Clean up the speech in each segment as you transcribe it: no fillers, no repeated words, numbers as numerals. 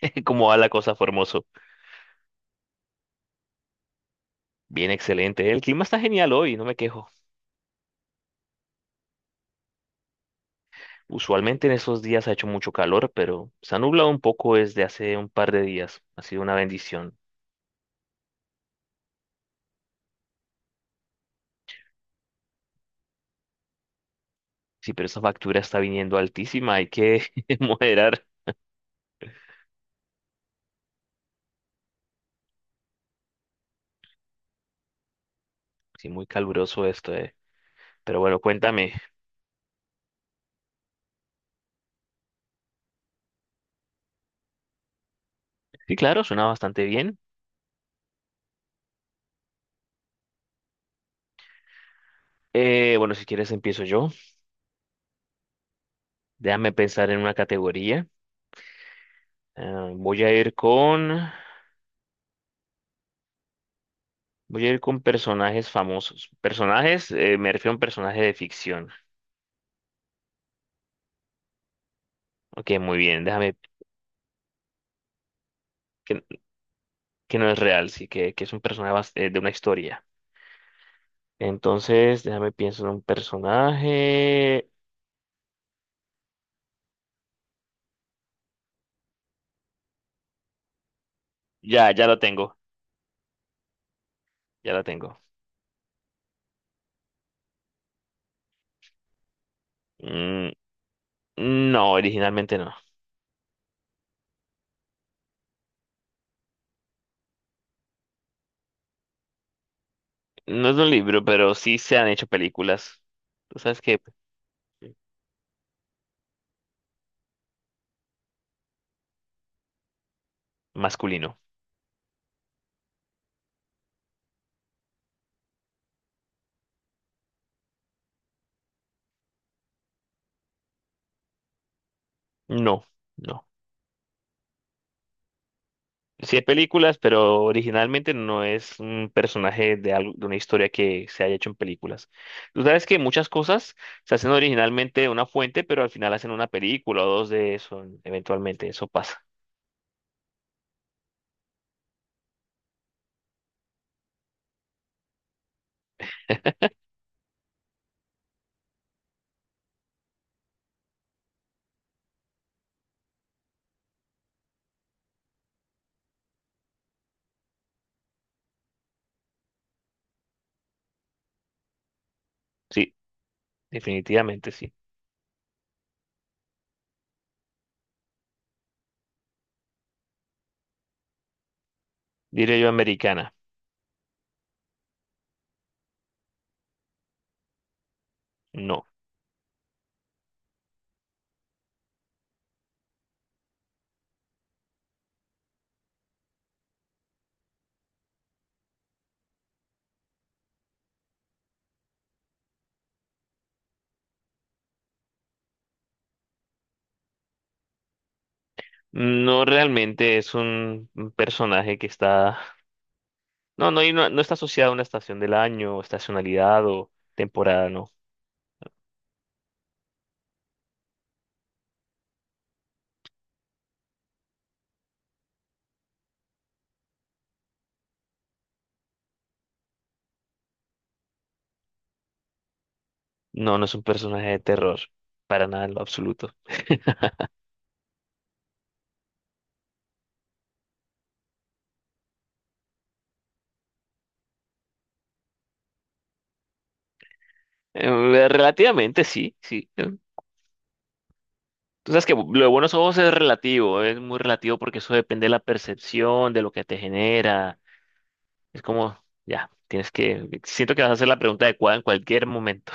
Como va la cosa, fue hermoso. Bien, excelente. El clima está genial hoy, no me quejo. Usualmente en esos días ha hecho mucho calor, pero se ha nublado un poco desde hace un par de días. Ha sido una bendición. Sí, pero esa factura está viniendo altísima, hay que moderar. Sí, muy caluroso esto, eh. Pero bueno, cuéntame. Sí, claro, suena bastante bien. Bueno, si quieres empiezo yo. Déjame pensar en una categoría. Ah, Voy a ir con personajes famosos. Personajes, me refiero a un personaje de ficción. Ok, muy bien, déjame, que, que no es real, sí, que es un personaje de una historia. Entonces, déjame pienso en un personaje. Ya, ya lo tengo, ya lo tengo. Mm, no, originalmente no. No es un libro, pero sí se han hecho películas. Tú sabes que masculino. No, no. Sí hay películas, pero originalmente no es un personaje de algo, de una historia que se haya hecho en películas. Tú sabes que muchas cosas se hacen originalmente de una fuente, pero al final hacen una película o dos de eso, eventualmente eso pasa. Sí, definitivamente sí. Diré yo americana. No. No realmente es un personaje que está. No, no, y no, no está asociado a una estación del año, o estacionalidad o temporada, no. No, no es un personaje de terror. Para nada en lo absoluto. Eh, Relativamente sí, sí, eh. Tú sabes que lo de buenos ojos es relativo, es muy relativo porque eso depende de la percepción, de lo que te genera. Es como, ya, tienes que, siento que vas a hacer la pregunta adecuada en cualquier momento.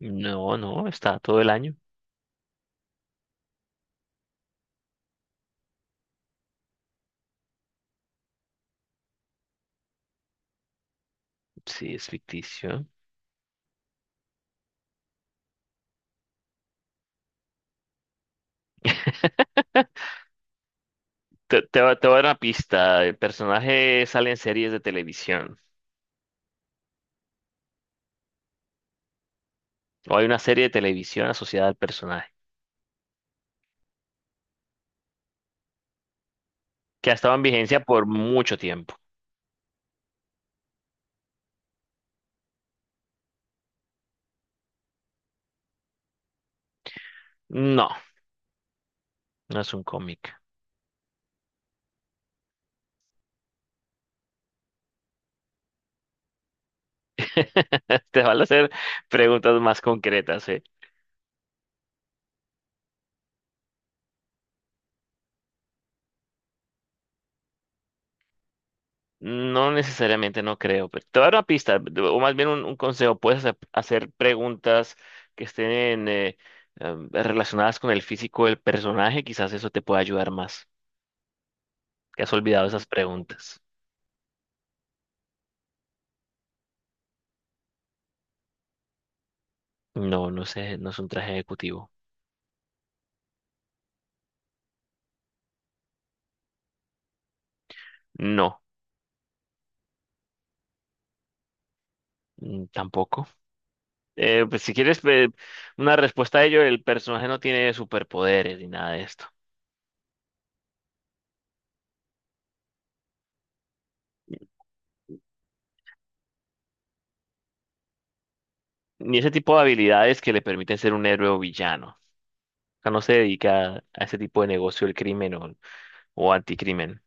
No, no, está todo el año. Sí, es ficticio. Te voy a dar una pista. El personaje sale en series de televisión. O hay una serie de televisión asociada al personaje, que ha estado en vigencia por mucho tiempo. No, no es un cómic. Te van a hacer preguntas más concretas, ¿eh? No necesariamente, no creo, pero te voy a dar una pista, o más bien un consejo. Puedes hacer preguntas que estén relacionadas con el físico del personaje, quizás eso te pueda ayudar más. ¿Te has olvidado esas preguntas? No, no sé, no es un traje ejecutivo. No, tampoco. Pues si quieres una respuesta a ello, el personaje no tiene superpoderes ni nada de esto. Ni ese tipo de habilidades que le permiten ser un héroe o villano. O sea, no se dedica a ese tipo de negocio del crimen o anticrimen.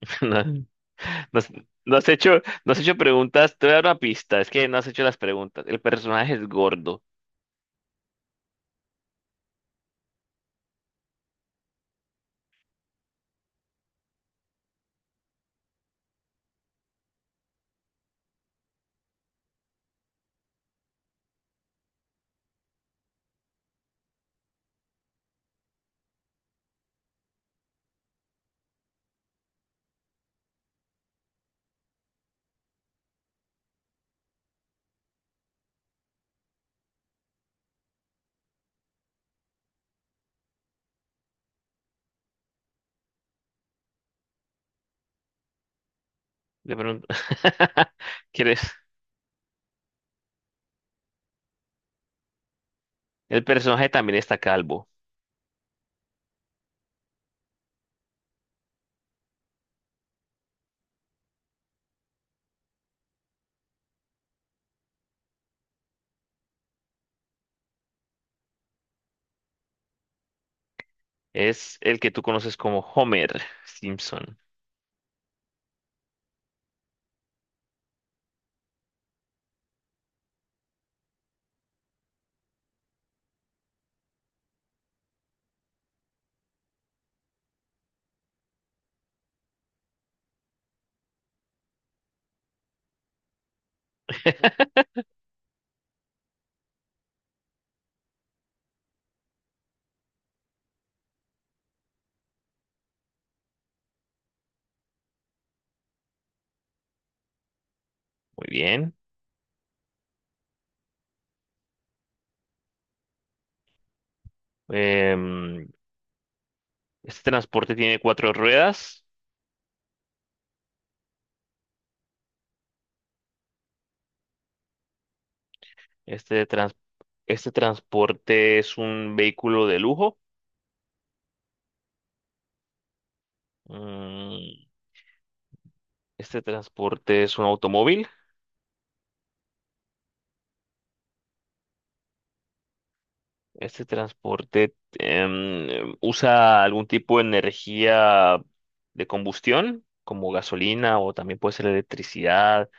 No. Mm. no has no has hecho preguntas. Te voy a dar una pista. Es que no has hecho las preguntas. El personaje es gordo. De pronto. ¿Quieres? El personaje también está calvo. Es el que tú conoces como Homer Simpson. Muy bien. Em, este transporte tiene cuatro ruedas. Este, trans- este transporte es un vehículo de lujo. Mm, Este transporte es un automóvil. Este transporte usa algún tipo de energía de combustión, como gasolina o también puede ser electricidad.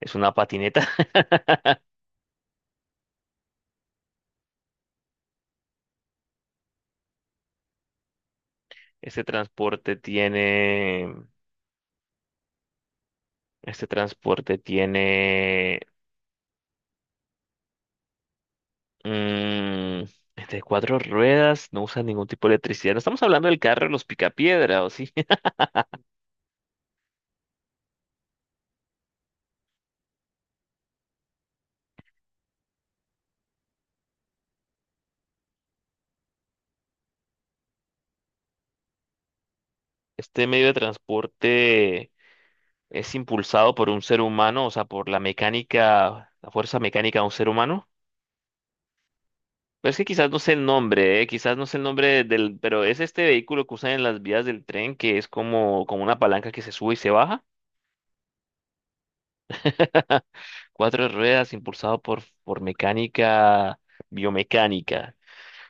Es una patineta. Este transporte tiene, este transporte tiene mm, cuatro ruedas. No usa ningún tipo de electricidad. No estamos hablando del carro, de los picapiedra, ¿o sí? Este medio de transporte es impulsado por un ser humano, o sea, por la mecánica, la fuerza mecánica de un ser humano. Pero es que quizás no sé el nombre, quizás no sé el nombre del, pero es este vehículo que usan en las vías del tren que es como una palanca que se sube y se baja. Cuatro ruedas impulsado por mecánica biomecánica.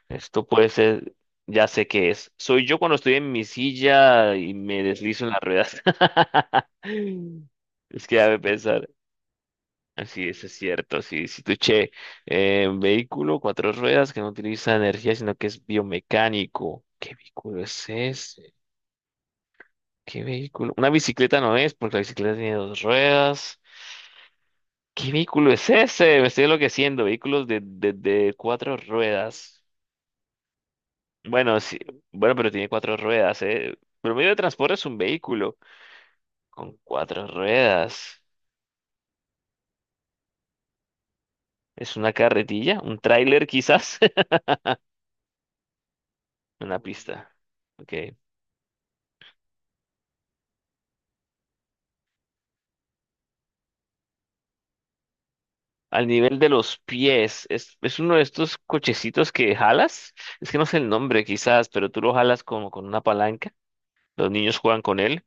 Esto puede ser, ya sé qué es. Soy yo cuando estoy en mi silla y me deslizo en las ruedas. Es que ya me pensar. Así es cierto. Si tu vehículo, cuatro ruedas que no utiliza energía, sino que es biomecánico. ¿Qué vehículo es ese? ¿Qué vehículo? Una bicicleta no es, porque la bicicleta tiene dos ruedas. ¿Qué vehículo es ese? Me estoy enloqueciendo. Vehículos de cuatro ruedas. Bueno, sí, bueno, pero tiene cuatro ruedas, ¿eh? Pero medio de transporte es un vehículo con cuatro ruedas. ¿Es una carretilla? ¿Un tráiler quizás? Una pista. Ok. Al nivel de los pies. Es uno de estos cochecitos que jalas. Es que no sé el nombre quizás, pero tú lo jalas como con una palanca. Los niños juegan con él.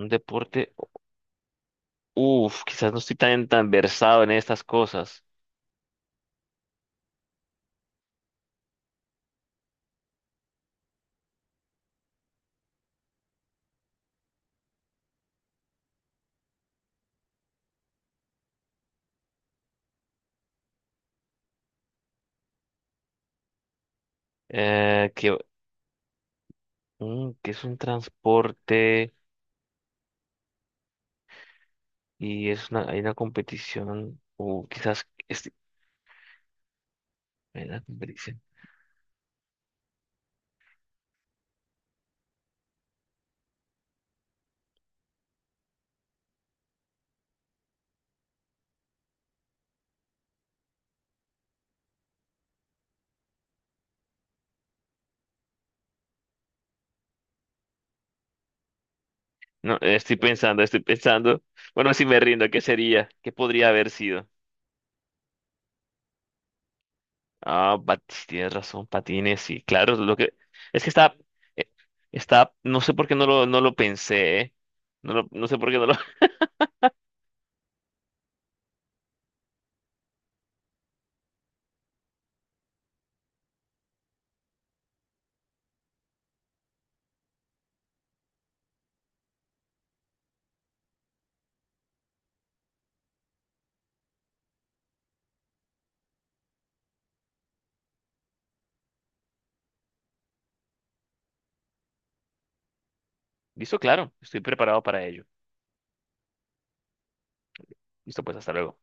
Un deporte. Uf, quizás no estoy tan, tan versado en estas cosas. Que, que es un transporte y hay una competición. O quizás hay una competición. No, estoy pensando, estoy pensando. Bueno, si me rindo, ¿qué sería? ¿Qué podría haber sido? Ah, tienes razón, patines, sí, claro, lo que es que eh, está, no sé por qué no lo pensé, ¿eh? No sé por qué no lo. Listo, claro, estoy preparado para ello. Listo, pues hasta luego.